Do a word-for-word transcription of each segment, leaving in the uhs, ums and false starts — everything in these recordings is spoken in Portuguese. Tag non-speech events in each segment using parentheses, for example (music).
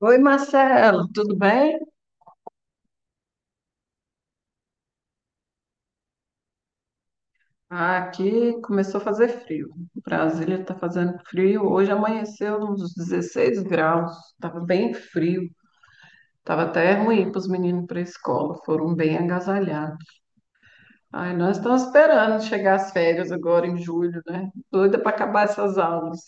Oi, Marcelo, tudo bem? Ah, aqui começou a fazer frio. Brasília está fazendo frio. Hoje amanheceu uns dezesseis graus. Estava bem frio. Estava até ruim para os meninos para a escola. Foram bem agasalhados. Ai, nós estamos esperando chegar as férias agora em julho, né? Doida para acabar essas aulas.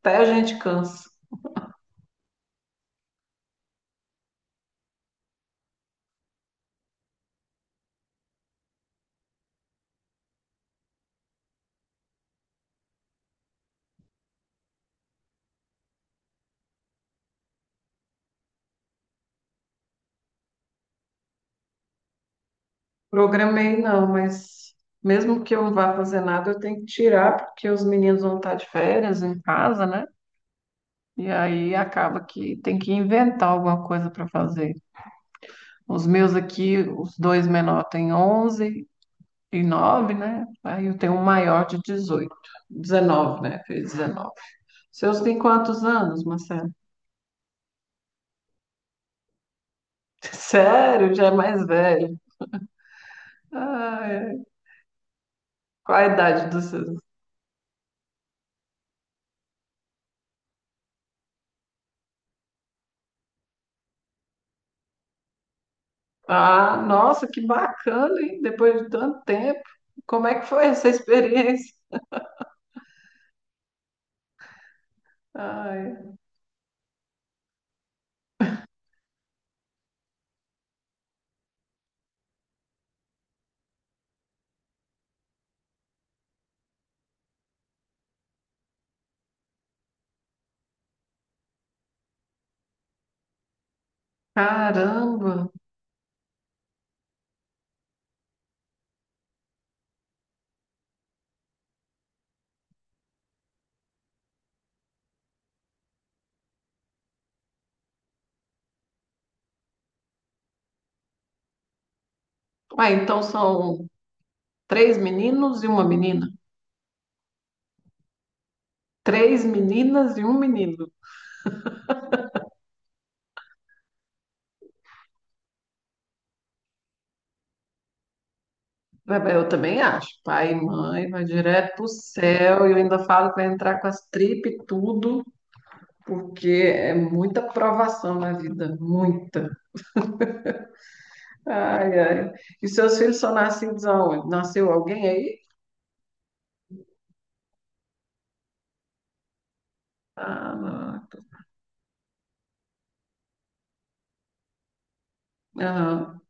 Até a gente cansa. Programei não, mas mesmo que eu não vá fazer nada, eu tenho que tirar porque os meninos vão estar de férias em casa, né? E aí acaba que tem que inventar alguma coisa para fazer. Os meus aqui, os dois menores têm onze e nove, né? Aí eu tenho um maior de dezoito, dezenove, né? Fez dezenove. Seus têm quantos anos, Marcelo? (laughs) Sério, já é mais velho. Ah, é. Qual a idade dos seus? Ah, nossa, que bacana, hein? Depois de tanto tempo. Como é que foi essa experiência? Ai, caramba. Ah, então são três meninos e uma menina? Três meninas e um menino. Eu também acho. Pai e mãe, vai direto pro céu. E eu ainda falo que vai entrar com as tripas e tudo, porque é muita provação na vida, muita. Ai, ai. E seus filhos são nascidos aonde? Nasceu alguém aí? Ah, não. Aham.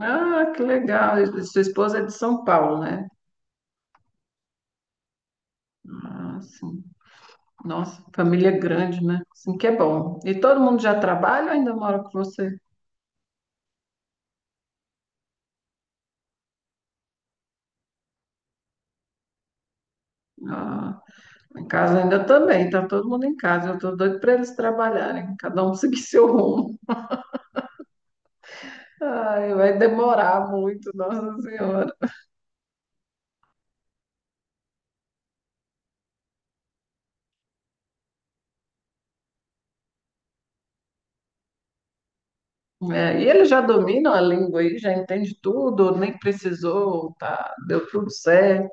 Ah, que legal. E sua esposa é de São Paulo, né? Ah, sim. Nossa, família grande, né? Assim que é bom. E todo mundo já trabalha ou ainda mora com você? Ah, em casa ainda também, tá todo mundo em casa. Eu tô doido para eles trabalharem, cada um (laughs) seguir seu rumo. Ai, vai demorar muito, Nossa Senhora. É, e eles já dominam a língua aí, já entende tudo, nem precisou, tá, deu tudo certo.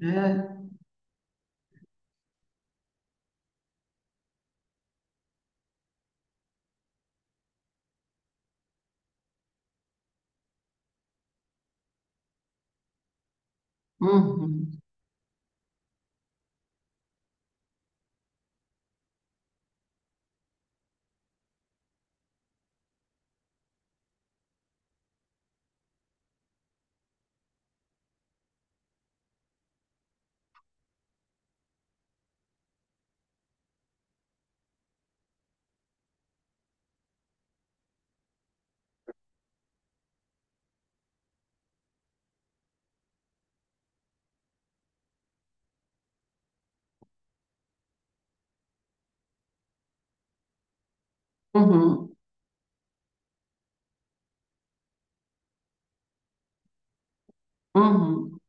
É. Uhum, uhum, uhum.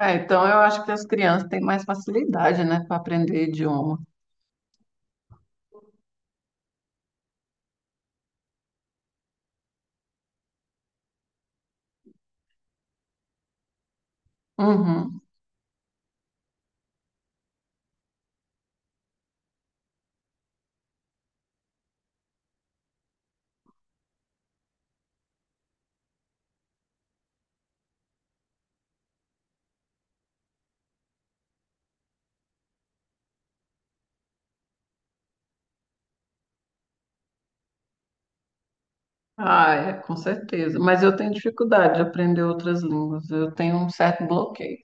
É, então eu acho que as crianças têm mais facilidade, né, para aprender idioma. Uhum. Ah, é, com certeza. Mas eu tenho dificuldade de aprender outras línguas. Eu tenho um certo bloqueio.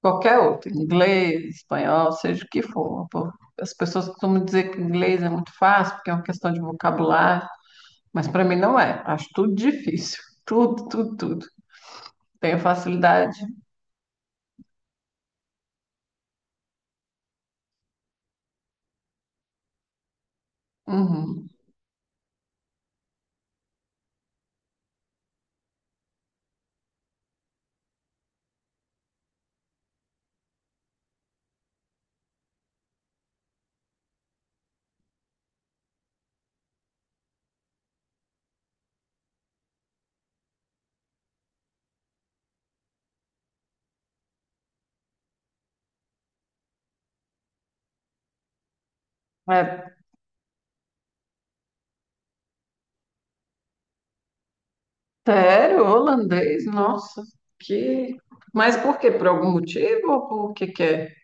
Qualquer outro, inglês, espanhol, seja o que for. Pô, as pessoas costumam dizer que inglês é muito fácil, porque é uma questão de vocabulário, mas para mim não é. Acho tudo difícil. (laughs) Tudo, tudo, tudo. Tenho facilidade. Uhum. É sério, holandês, nossa, que. Mas por quê? Por algum motivo ou por que que é?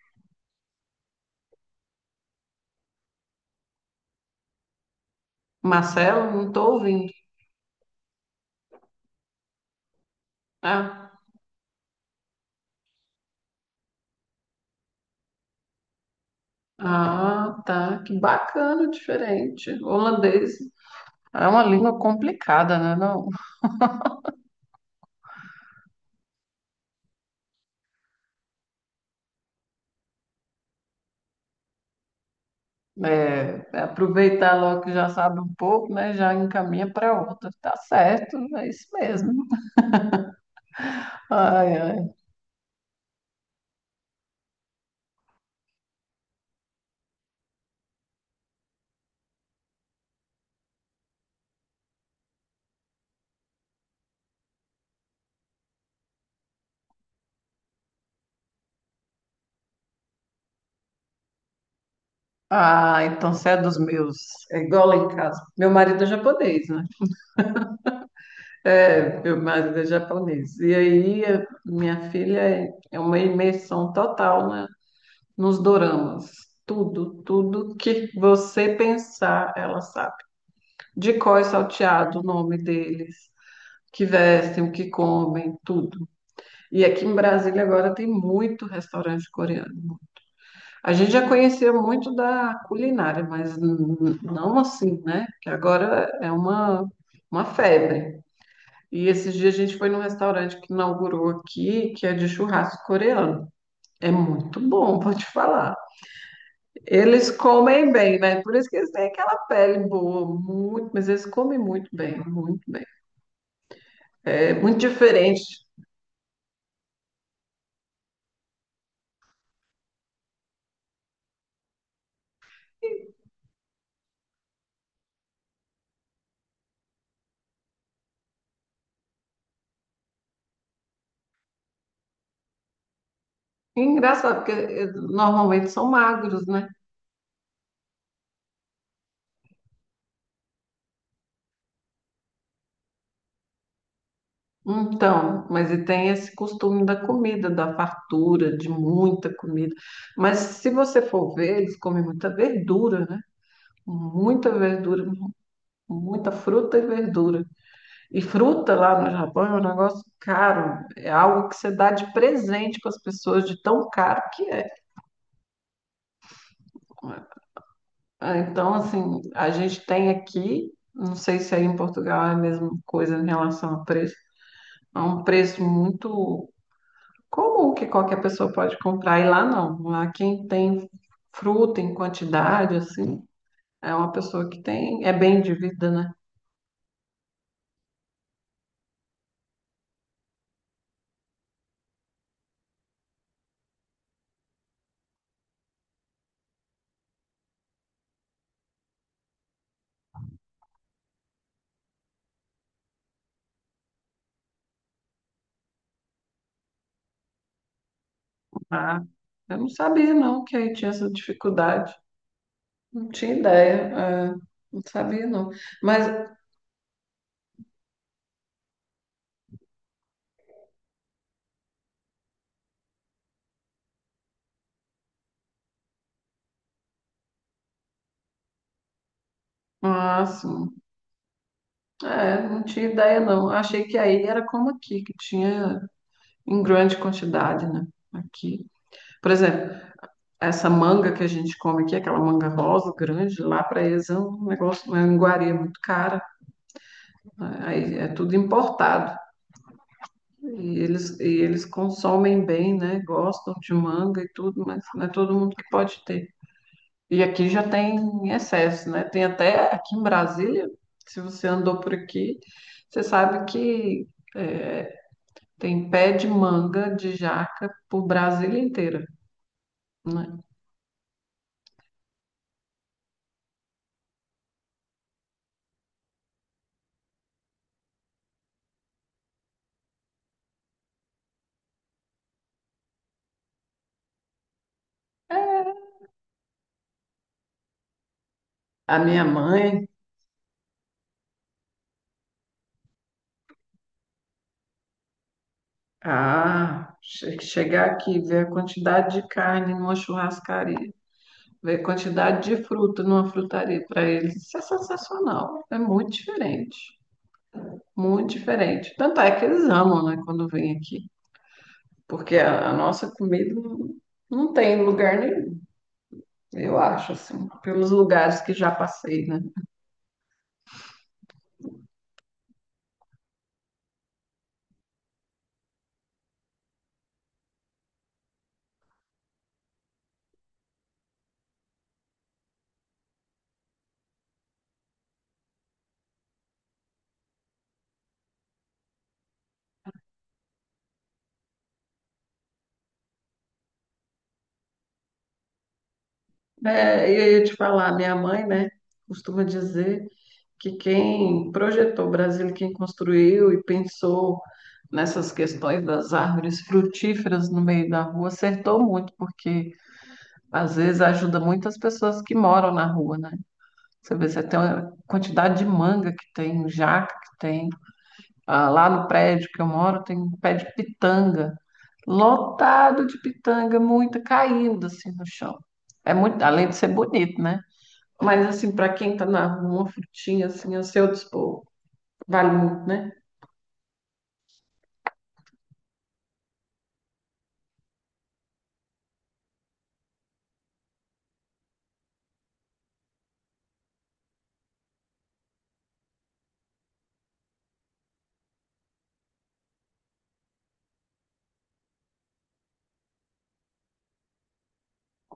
Marcelo, não estou ouvindo. Ah, ah, tá. Que bacana, diferente. Holandês é uma língua complicada, né? Não? É, aproveitar logo que já sabe um pouco, né? Já encaminha para outra. Tá certo, é isso mesmo. Ai, ai. Ah, então você é dos meus. É igual lá em casa. Meu marido é japonês, né? É, meu marido é japonês. E aí, eh, minha filha é é uma imersão total, né? Nos doramas. Tudo, tudo que você pensar, ela sabe. De cor e salteado, o nome deles, que vestem, o que comem, tudo. E aqui em Brasília agora tem muito restaurante coreano. A gente já conhecia muito da culinária, mas n- não assim, né? Que agora é uma, uma febre. E esses dias a gente foi num restaurante que inaugurou aqui, que é de churrasco coreano. É muito bom, vou te falar. Eles comem bem, né? Por isso que eles têm aquela pele boa, muito, mas eles comem muito bem, muito, é muito diferente. E engraçado, porque eh, normalmente são magros, né? Então, mas e tem esse costume da comida, da fartura, de muita comida. Mas se você for ver, eles comem muita verdura, né? Muita verdura, muita fruta e verdura. E fruta lá no Japão é um negócio caro, é algo que você dá de presente para as pessoas, de tão caro que é. Ah, então, assim, a gente tem aqui, não sei se aí em Portugal é a mesma coisa em relação a preço, é um preço muito comum que qualquer pessoa pode comprar, e lá não. Lá quem tem fruta em quantidade, assim, é uma pessoa que tem, é bem de vida, né? Ah, eu não sabia, não, que aí tinha essa dificuldade. Não tinha ideia, é, não sabia, não. Mas, ah, sim, é, não tinha ideia, não. Achei que aí era como aqui, que tinha em grande quantidade, né? Aqui. Por exemplo, essa manga que a gente come aqui, aquela manga rosa grande, lá para eles é um negócio, uma iguaria muito cara. Aí é tudo importado. E eles, e eles consomem bem, né? Gostam de manga e tudo, mas não é todo mundo que pode ter. E aqui já tem em excesso, né? Tem até aqui em Brasília, se você andou por aqui, você sabe que é, tem pé de manga de jaca por Brasília inteira, né? A minha mãe, ah, che- chegar aqui e ver a quantidade de carne numa churrascaria, ver quantidade de fruta numa frutaria para eles, isso é sensacional. É muito diferente, muito diferente. Tanto é que eles amam, né, quando vêm aqui, porque a, a nossa comida não, não tem lugar nenhum, eu acho, assim, pelos lugares que já passei, né? É, e aí eu te falar, minha mãe, né, costuma dizer que quem projetou o Brasil, quem construiu e pensou nessas questões das árvores frutíferas no meio da rua, acertou muito, porque às vezes ajuda muito as pessoas que moram na rua, né? Você vê, você tem a quantidade de manga que tem, jaca que tem. Ah, lá no prédio que eu moro tem um pé de pitanga, lotado de pitanga, muita caindo assim no chão. É muito, além de ser bonito, né? Mas assim, para quem tá na rua, uma frutinha assim, a seu dispor, vale muito, né?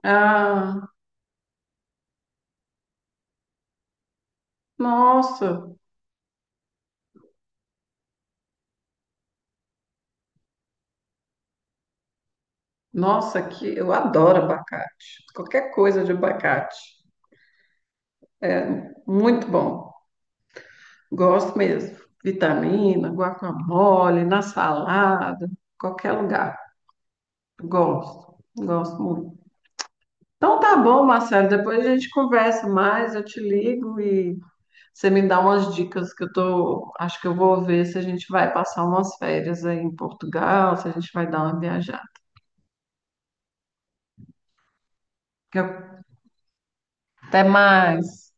Ah, nossa, nossa, que eu adoro abacate. Qualquer coisa de abacate. Muito bom. Gosto mesmo. Vitamina, guacamole, na salada, qualquer lugar. Gosto, gosto muito. Então tá bom, Marcelo. Depois a gente conversa mais, eu te ligo e você me dá umas dicas que eu tô, acho que eu vou ver se a gente vai passar umas férias aí em Portugal, se a gente vai dar uma viajada. Até mais.